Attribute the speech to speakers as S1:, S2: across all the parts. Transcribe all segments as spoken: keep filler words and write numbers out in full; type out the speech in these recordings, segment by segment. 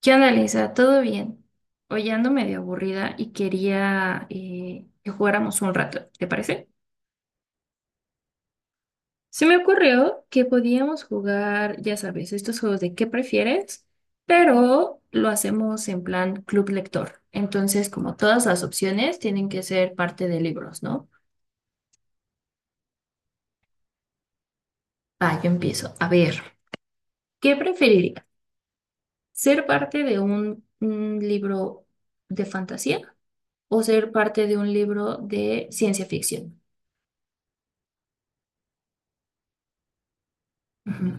S1: ¿Qué onda, Lisa? ¿Todo bien? Hoy ando medio aburrida y quería eh, que jugáramos un rato, ¿te parece? Se me ocurrió que podíamos jugar, ya sabes, estos juegos de ¿qué prefieres? Pero lo hacemos en plan club lector. Entonces, como todas las opciones tienen que ser parte de libros, ¿no? Va, yo empiezo. A ver, ¿qué preferiría? ¿Ser parte de un un libro de fantasía o ser parte de un libro de ciencia ficción? Ujú.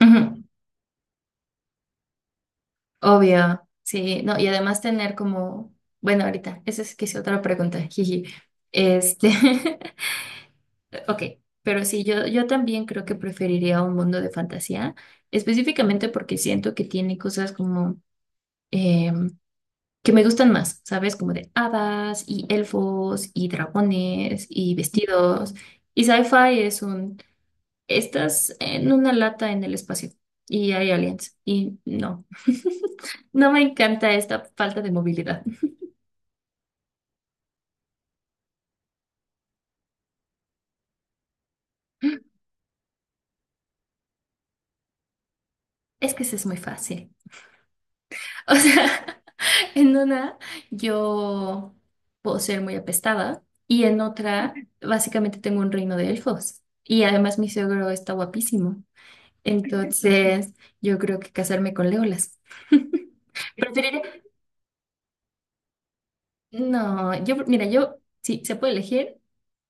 S1: Ujú. Obvio, sí, no, y además tener como, bueno, ahorita, esa es que es otra pregunta, jiji. Este, ok, pero sí, yo, yo también creo que preferiría un mundo de fantasía, específicamente porque siento que tiene cosas como eh, que me gustan más, ¿sabes? Como de hadas y elfos y dragones y vestidos. Y sci-fi es un, estás en una lata en el espacio y hay aliens y no. No me encanta esta falta de movilidad. Es que eso es muy fácil. O sea, en una yo puedo ser muy apestada y en otra básicamente tengo un reino de elfos. Y además mi suegro está guapísimo. Entonces yo creo que casarme con Leolas. Preferiría. No, yo, mira, yo, si se puede elegir,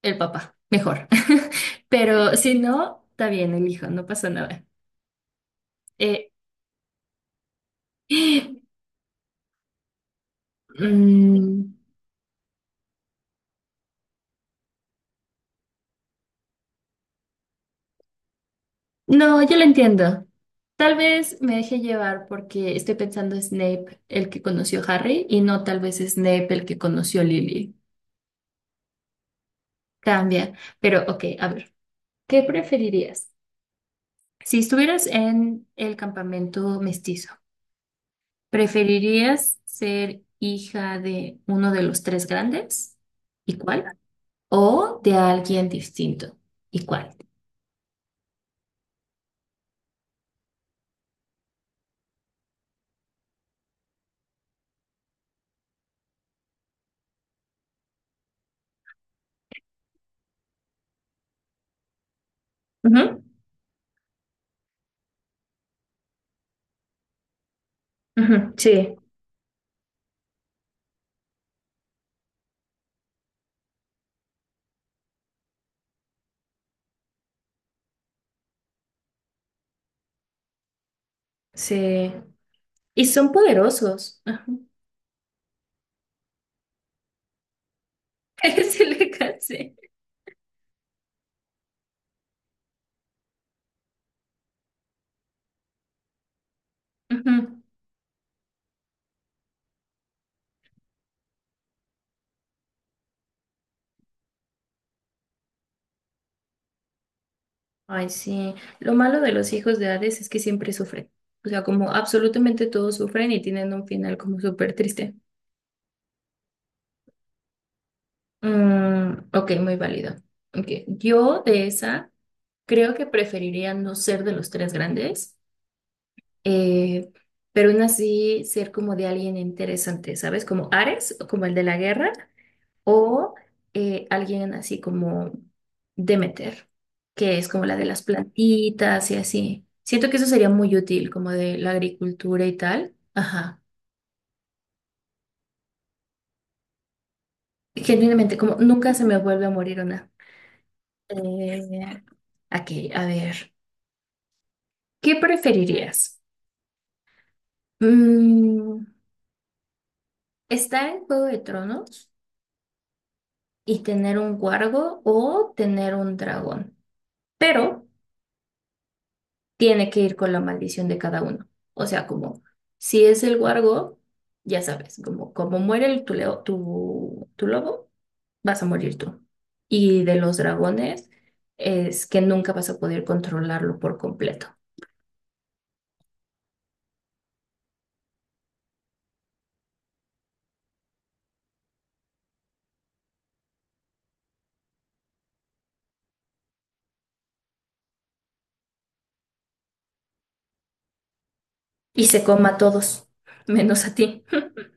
S1: el papá, mejor. Pero si no, está bien, elijo, no pasa nada. Eh, mm, No, yo lo entiendo. Tal vez me deje llevar porque estoy pensando Snape el que conoció Harry y no tal vez Snape el que conoció Lily. Cambia. Pero ok, a ver, ¿qué preferirías? Si estuvieras en el campamento mestizo, ¿preferirías ser hija de uno de los tres grandes? ¿Y cuál? ¿O de alguien distinto? ¿Y cuál? Ujú. Ujú. Sí, sí. Y son poderosos. Ese le cansé. Ujú. Ay, sí. Lo malo de los hijos de Hades es que siempre sufren. O sea, como absolutamente todos sufren y tienen un final como súper triste. Mm, ok, muy válido. Ok, yo de esa creo que preferiría no ser de los tres grandes, eh, pero aún así ser como de alguien interesante, ¿sabes? Como Ares, o como el de la guerra, o eh, alguien así como Demeter, que es como la de las plantitas y así. Siento que eso sería muy útil, como de la agricultura y tal. Ajá. Genuinamente, como nunca se me vuelve a morir una. Eh, aquí, a ver. ¿Qué preferirías? Mm, ¿estar en Juego de Tronos y tener un guargo o tener un dragón? Pero tiene que ir con la maldición de cada uno. O sea, como si es el guargo, ya sabes, como, como muere el, tu, leo- tu, tu lobo, vas a morir tú. Y de los dragones es que nunca vas a poder controlarlo por completo. Y se coma a todos, menos a ti.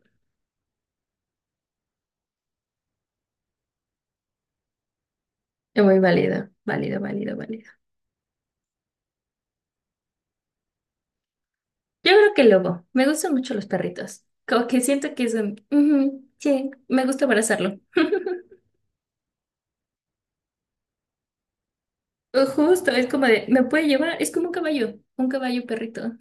S1: Es muy válido, válido, válido, válido. Yo creo que el lobo. Me gustan mucho los perritos. Como que siento que es un. Ujú, sí, me gusta abrazarlo. Eh, Justo, es como de, me puede llevar, es como un caballo, un caballo perrito.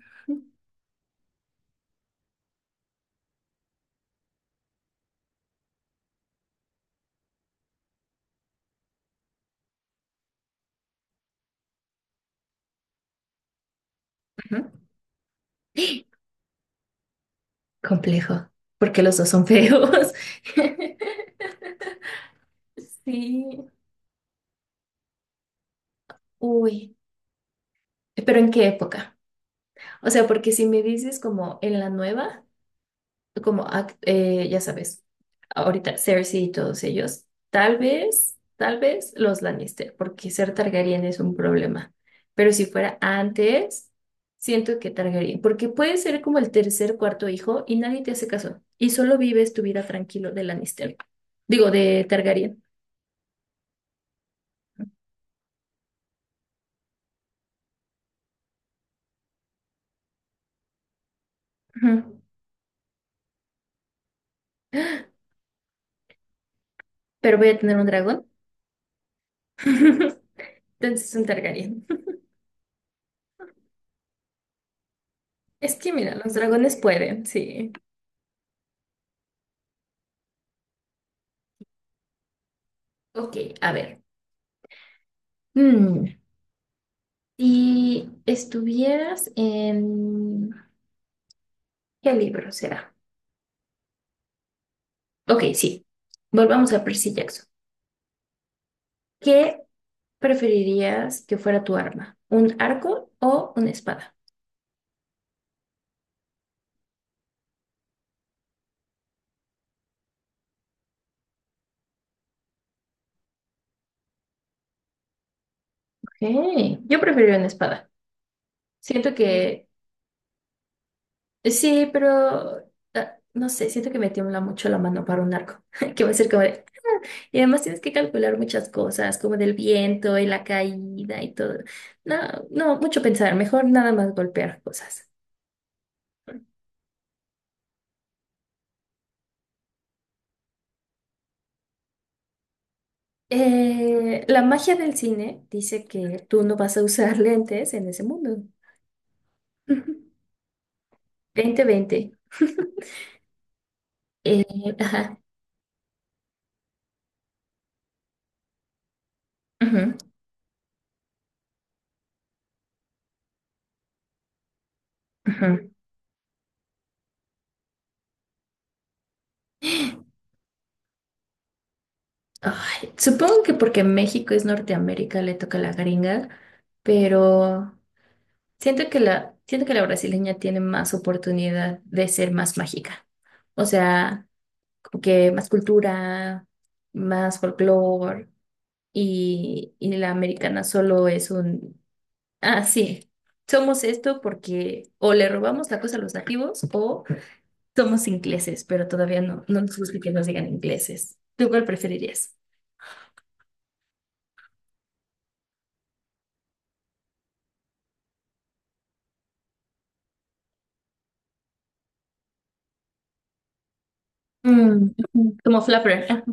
S1: Ujú. Complejo, porque los dos son feos. Sí, uy, pero ¿en qué época? O sea, porque si me dices como en la nueva, como, act- eh, ya sabes, ahorita Cersei y todos ellos, tal vez, tal vez los Lannister, porque ser Targaryen es un problema. Pero si fuera antes, siento que Targaryen, porque puedes ser como el tercer, cuarto hijo y nadie te hace caso y solo vives tu vida tranquilo de Lannister. Digo, de Targaryen. Ujú. Pero voy a tener un dragón. Entonces un Targaryen. Es que mira, los dragones pueden, sí. Ok, a ver. Mm. Si estuvieras en. ¿Qué libro será? Ok, sí. Volvamos a Percy Jackson. ¿Qué preferirías que fuera tu arma? ¿Un arco o una espada? Ok, yo preferiría una espada. Siento que. Sí, pero ah, no sé, siento que me tiembla mucho la mano para un arco. Que va a ser como de- Y además tienes que calcular muchas cosas, como del viento y la caída y todo. No, no, mucho pensar. Mejor nada más golpear cosas. Eh, la magia del cine dice que tú no vas a usar lentes en ese mundo. Veinte veinte. Eh, ajá. Ujú, ujú. Ay, supongo que porque México es Norteamérica le toca a la gringa, pero siento que la, siento que la brasileña tiene más oportunidad de ser más mágica. O sea, como que más cultura, más folclore, y, y la americana solo es un. Así, somos esto porque o le robamos la cosa a los nativos o somos ingleses, pero todavía no, no nos gusta que nos digan ingleses. ¿Tú cuál preferirías? Mm, ujú. Como flapper. Ajá.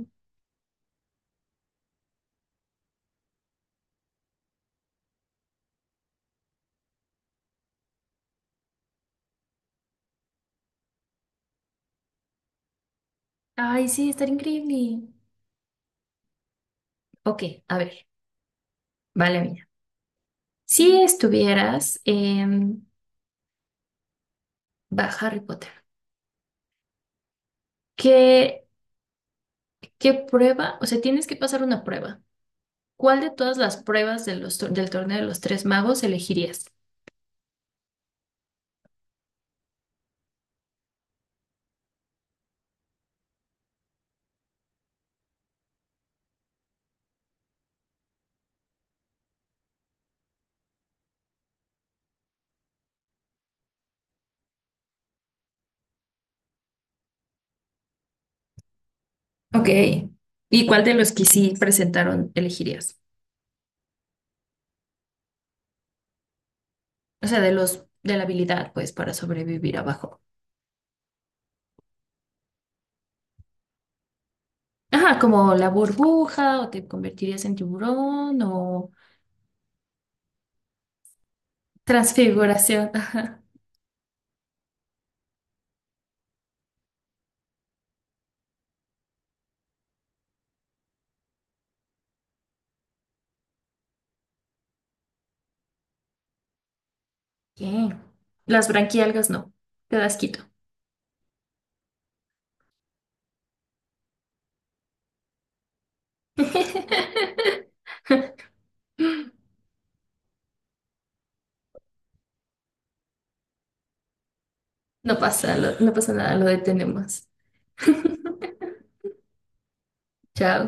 S1: Ay, sí, estaría increíble. Ok, a ver, vale, mía. Si estuvieras en Harry Potter, ¿qué, qué prueba? O sea, tienes que pasar una prueba. ¿Cuál de todas las pruebas de los tor- del torneo de los tres magos elegirías? Ok. ¿Y cuál de los que sí presentaron elegirías? O sea, de los de la habilidad, pues, para sobrevivir abajo. Ajá, como la burbuja, o te convertirías en tiburón, o transfiguración. Ah, ¿qué? Las branquialgas no. Te das quito. No pasa, lo- no pasa nada, lo detenemos. Chao.